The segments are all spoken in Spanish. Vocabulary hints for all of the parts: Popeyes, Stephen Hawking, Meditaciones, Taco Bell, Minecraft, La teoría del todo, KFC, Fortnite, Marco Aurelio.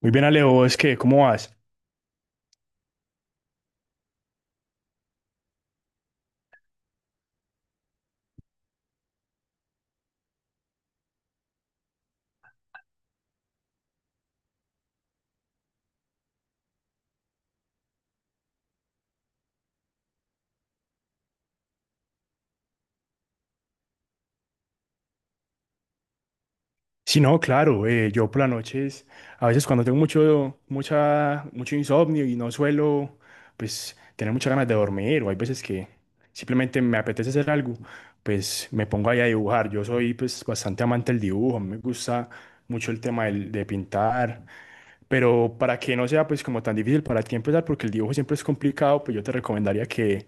Muy bien, Alejo, es que, ¿cómo vas? Sí, no, claro, yo por las noches, a veces cuando tengo mucho insomnio y no suelo, pues, tener muchas ganas de dormir, o hay veces que simplemente me apetece hacer algo. Pues me pongo ahí a dibujar. Yo soy, pues, bastante amante del dibujo, a mí me gusta mucho el tema de pintar, pero para que no sea, pues, como tan difícil para ti empezar, porque el dibujo siempre es complicado, pues yo te recomendaría que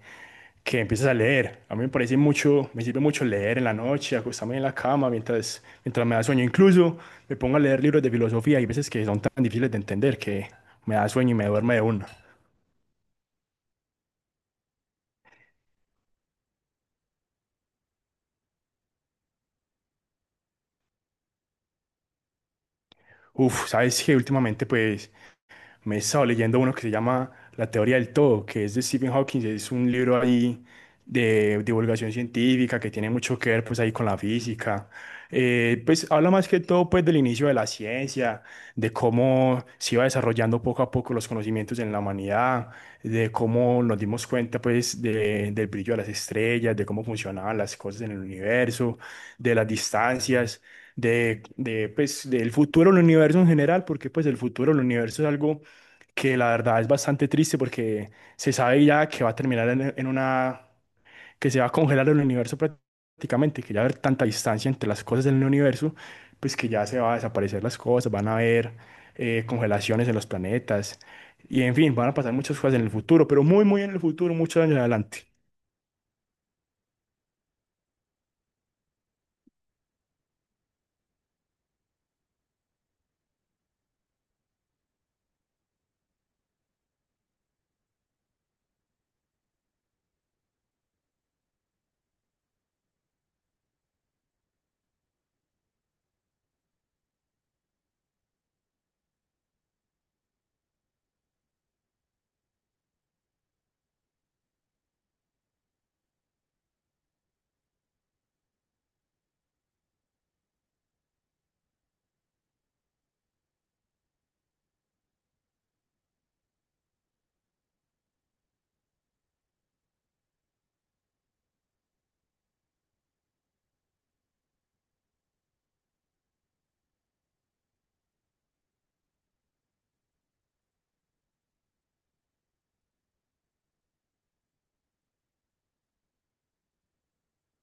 que empieces a leer. A mí me parece mucho, me sirve mucho leer en la noche, acostarme en la cama mientras me da sueño. Incluso me pongo a leer libros de filosofía. Hay veces que son tan difíciles de entender que me da sueño y me duerme de una. Uf, sabes que últimamente pues me he estado leyendo uno que se llama La teoría del todo, que es de Stephen Hawking. Es un libro ahí de divulgación científica que tiene mucho que ver pues ahí con la física. Pues habla más que todo pues del inicio de la ciencia, de cómo se iba desarrollando poco a poco los conocimientos en la humanidad, de cómo nos dimos cuenta pues del brillo de las estrellas, de cómo funcionaban las cosas en el universo, de las distancias pues del futuro del universo en general, porque pues el futuro del universo es algo que la verdad es bastante triste porque se sabe ya que va a terminar en una, que se va a congelar el universo prácticamente, que ya va a haber tanta distancia entre las cosas del universo, pues que ya se va a desaparecer las cosas, van a haber congelaciones en los planetas y, en fin, van a pasar muchas cosas en el futuro, pero muy, muy en el futuro, muchos años adelante.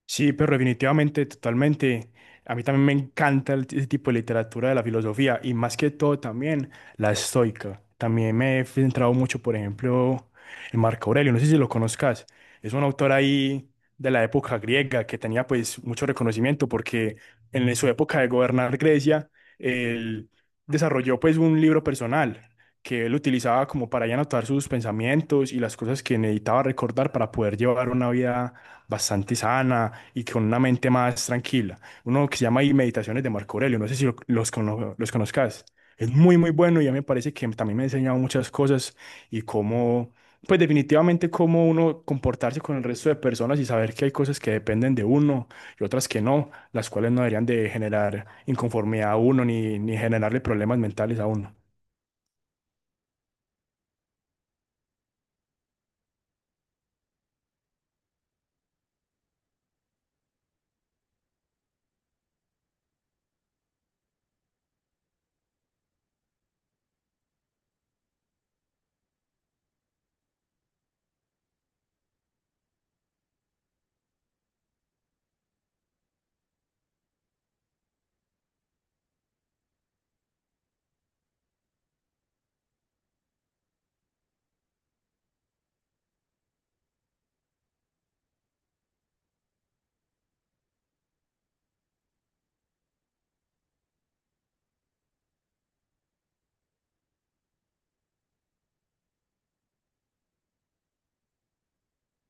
Sí, pero definitivamente, totalmente. A mí también me encanta ese tipo de literatura de la filosofía y más que todo también la estoica. También me he centrado mucho, por ejemplo, en Marco Aurelio, no sé si lo conozcas. Es un autor ahí de la época griega que tenía pues mucho reconocimiento porque en su época de gobernar Grecia, él desarrolló pues un libro personal que él utilizaba como para ahí anotar sus pensamientos y las cosas que necesitaba recordar para poder llevar una vida bastante sana y con una mente más tranquila. Uno que se llama ahí Meditaciones de Marco Aurelio, no sé si los conozcas. Es muy, muy bueno y a mí me parece que también me ha enseñado muchas cosas y cómo, pues definitivamente cómo uno comportarse con el resto de personas y saber que hay cosas que dependen de uno y otras que no, las cuales no deberían de generar inconformidad a uno ni generarle problemas mentales a uno.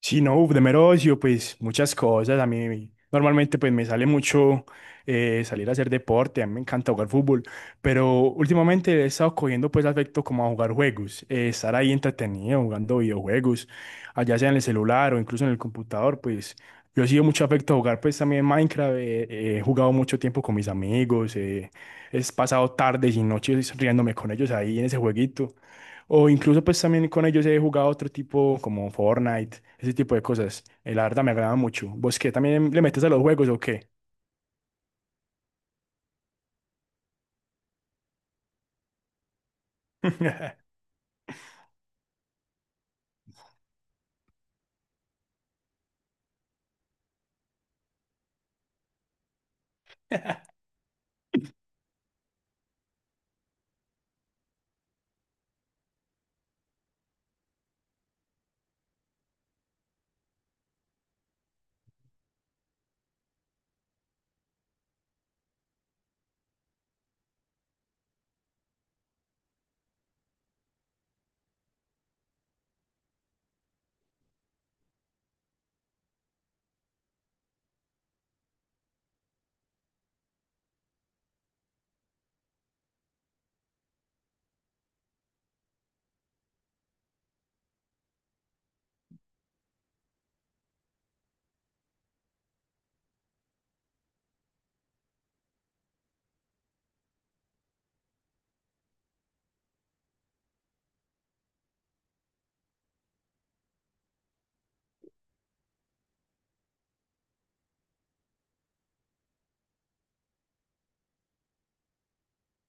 Sí, no, uf, de mero ocio, pues muchas cosas. A mí normalmente pues me sale mucho salir a hacer deporte, a mí me encanta jugar fútbol, pero últimamente he estado cogiendo pues afecto como a jugar juegos, estar ahí entretenido jugando videojuegos, allá sea en el celular o incluso en el computador. Pues yo he sido mucho afecto a jugar pues también Minecraft. He jugado mucho tiempo con mis amigos, he pasado tardes y noches riéndome con ellos ahí en ese jueguito. O incluso pues también con ellos he jugado otro tipo como Fortnite, ese tipo de cosas. La verdad me agrada mucho. ¿Vos qué? ¿También le metes a los juegos o qué?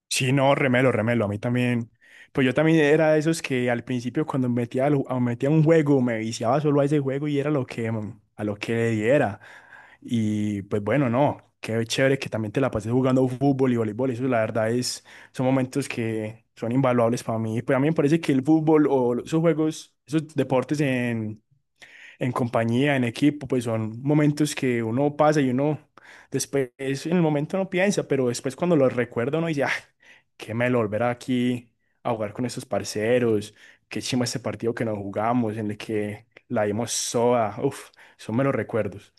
Sí, no, remelo, remelo, a mí también. Pues yo también era de esos que al principio cuando metía un juego me viciaba solo a ese juego y era lo que, a lo que le diera. Y pues bueno, no, qué chévere que también te la pases jugando fútbol y voleibol. Eso la verdad es, son momentos que son invaluables para mí. Pues a mí me parece que el fútbol o esos juegos, esos deportes en compañía, en equipo, pues son momentos que uno pasa y uno después, en el momento no piensa, pero después cuando lo recuerda uno dice, ah, qué melo volver aquí a jugar con esos parceros, qué chimba este partido que nos jugamos, en el que la dimos soda. Uff, son melos recuerdos.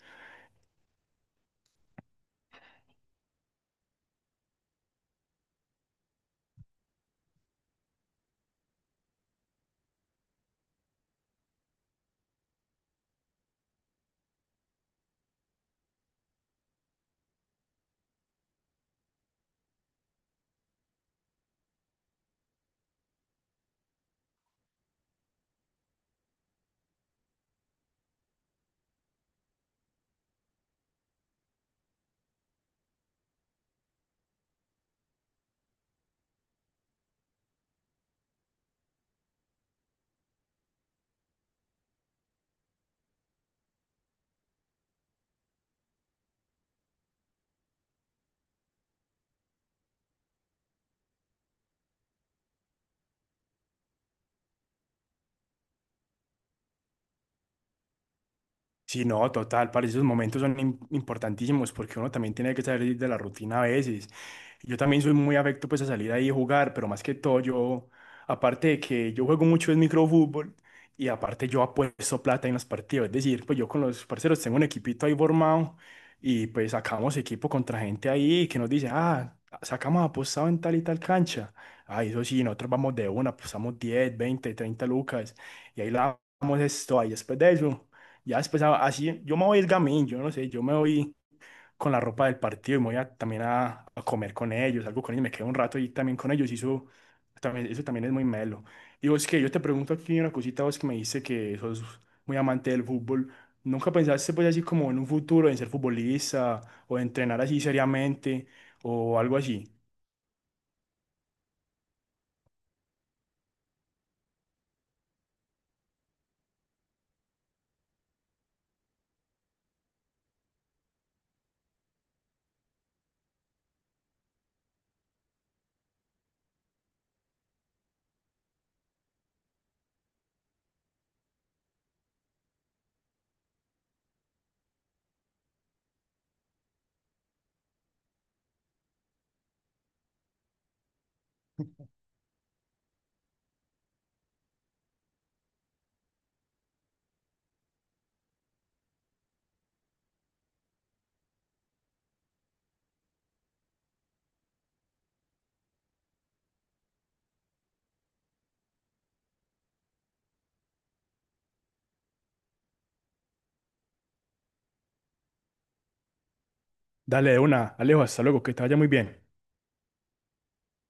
Sí, no, total, para esos momentos son importantísimos porque uno también tiene que salir de la rutina a veces. Yo también soy muy afecto pues a salir ahí a jugar, pero más que todo yo, aparte de que yo juego mucho es microfútbol y aparte yo apuesto plata en los partidos, es decir, pues yo con los parceros tengo un equipito ahí formado y pues sacamos equipo contra gente ahí que nos dice, ah, sacamos apostado en tal y tal cancha. Ah, eso sí, nosotros vamos de una, apostamos 10 20 30 lucas y ahí la damos esto, ahí después de eso, ya después así, yo me voy el gamín, yo no sé, yo me voy con la ropa del partido y me voy también a comer con ellos, algo con ellos, me quedo un rato ahí también con ellos y eso también es muy melo. Y vos que yo te pregunto aquí una cosita, vos que me dice que sos muy amante del fútbol, ¿nunca pensaste pues así como en un futuro en ser futbolista o entrenar así seriamente o algo así? Dale de una, Alejo, hasta luego, que te vaya muy bien.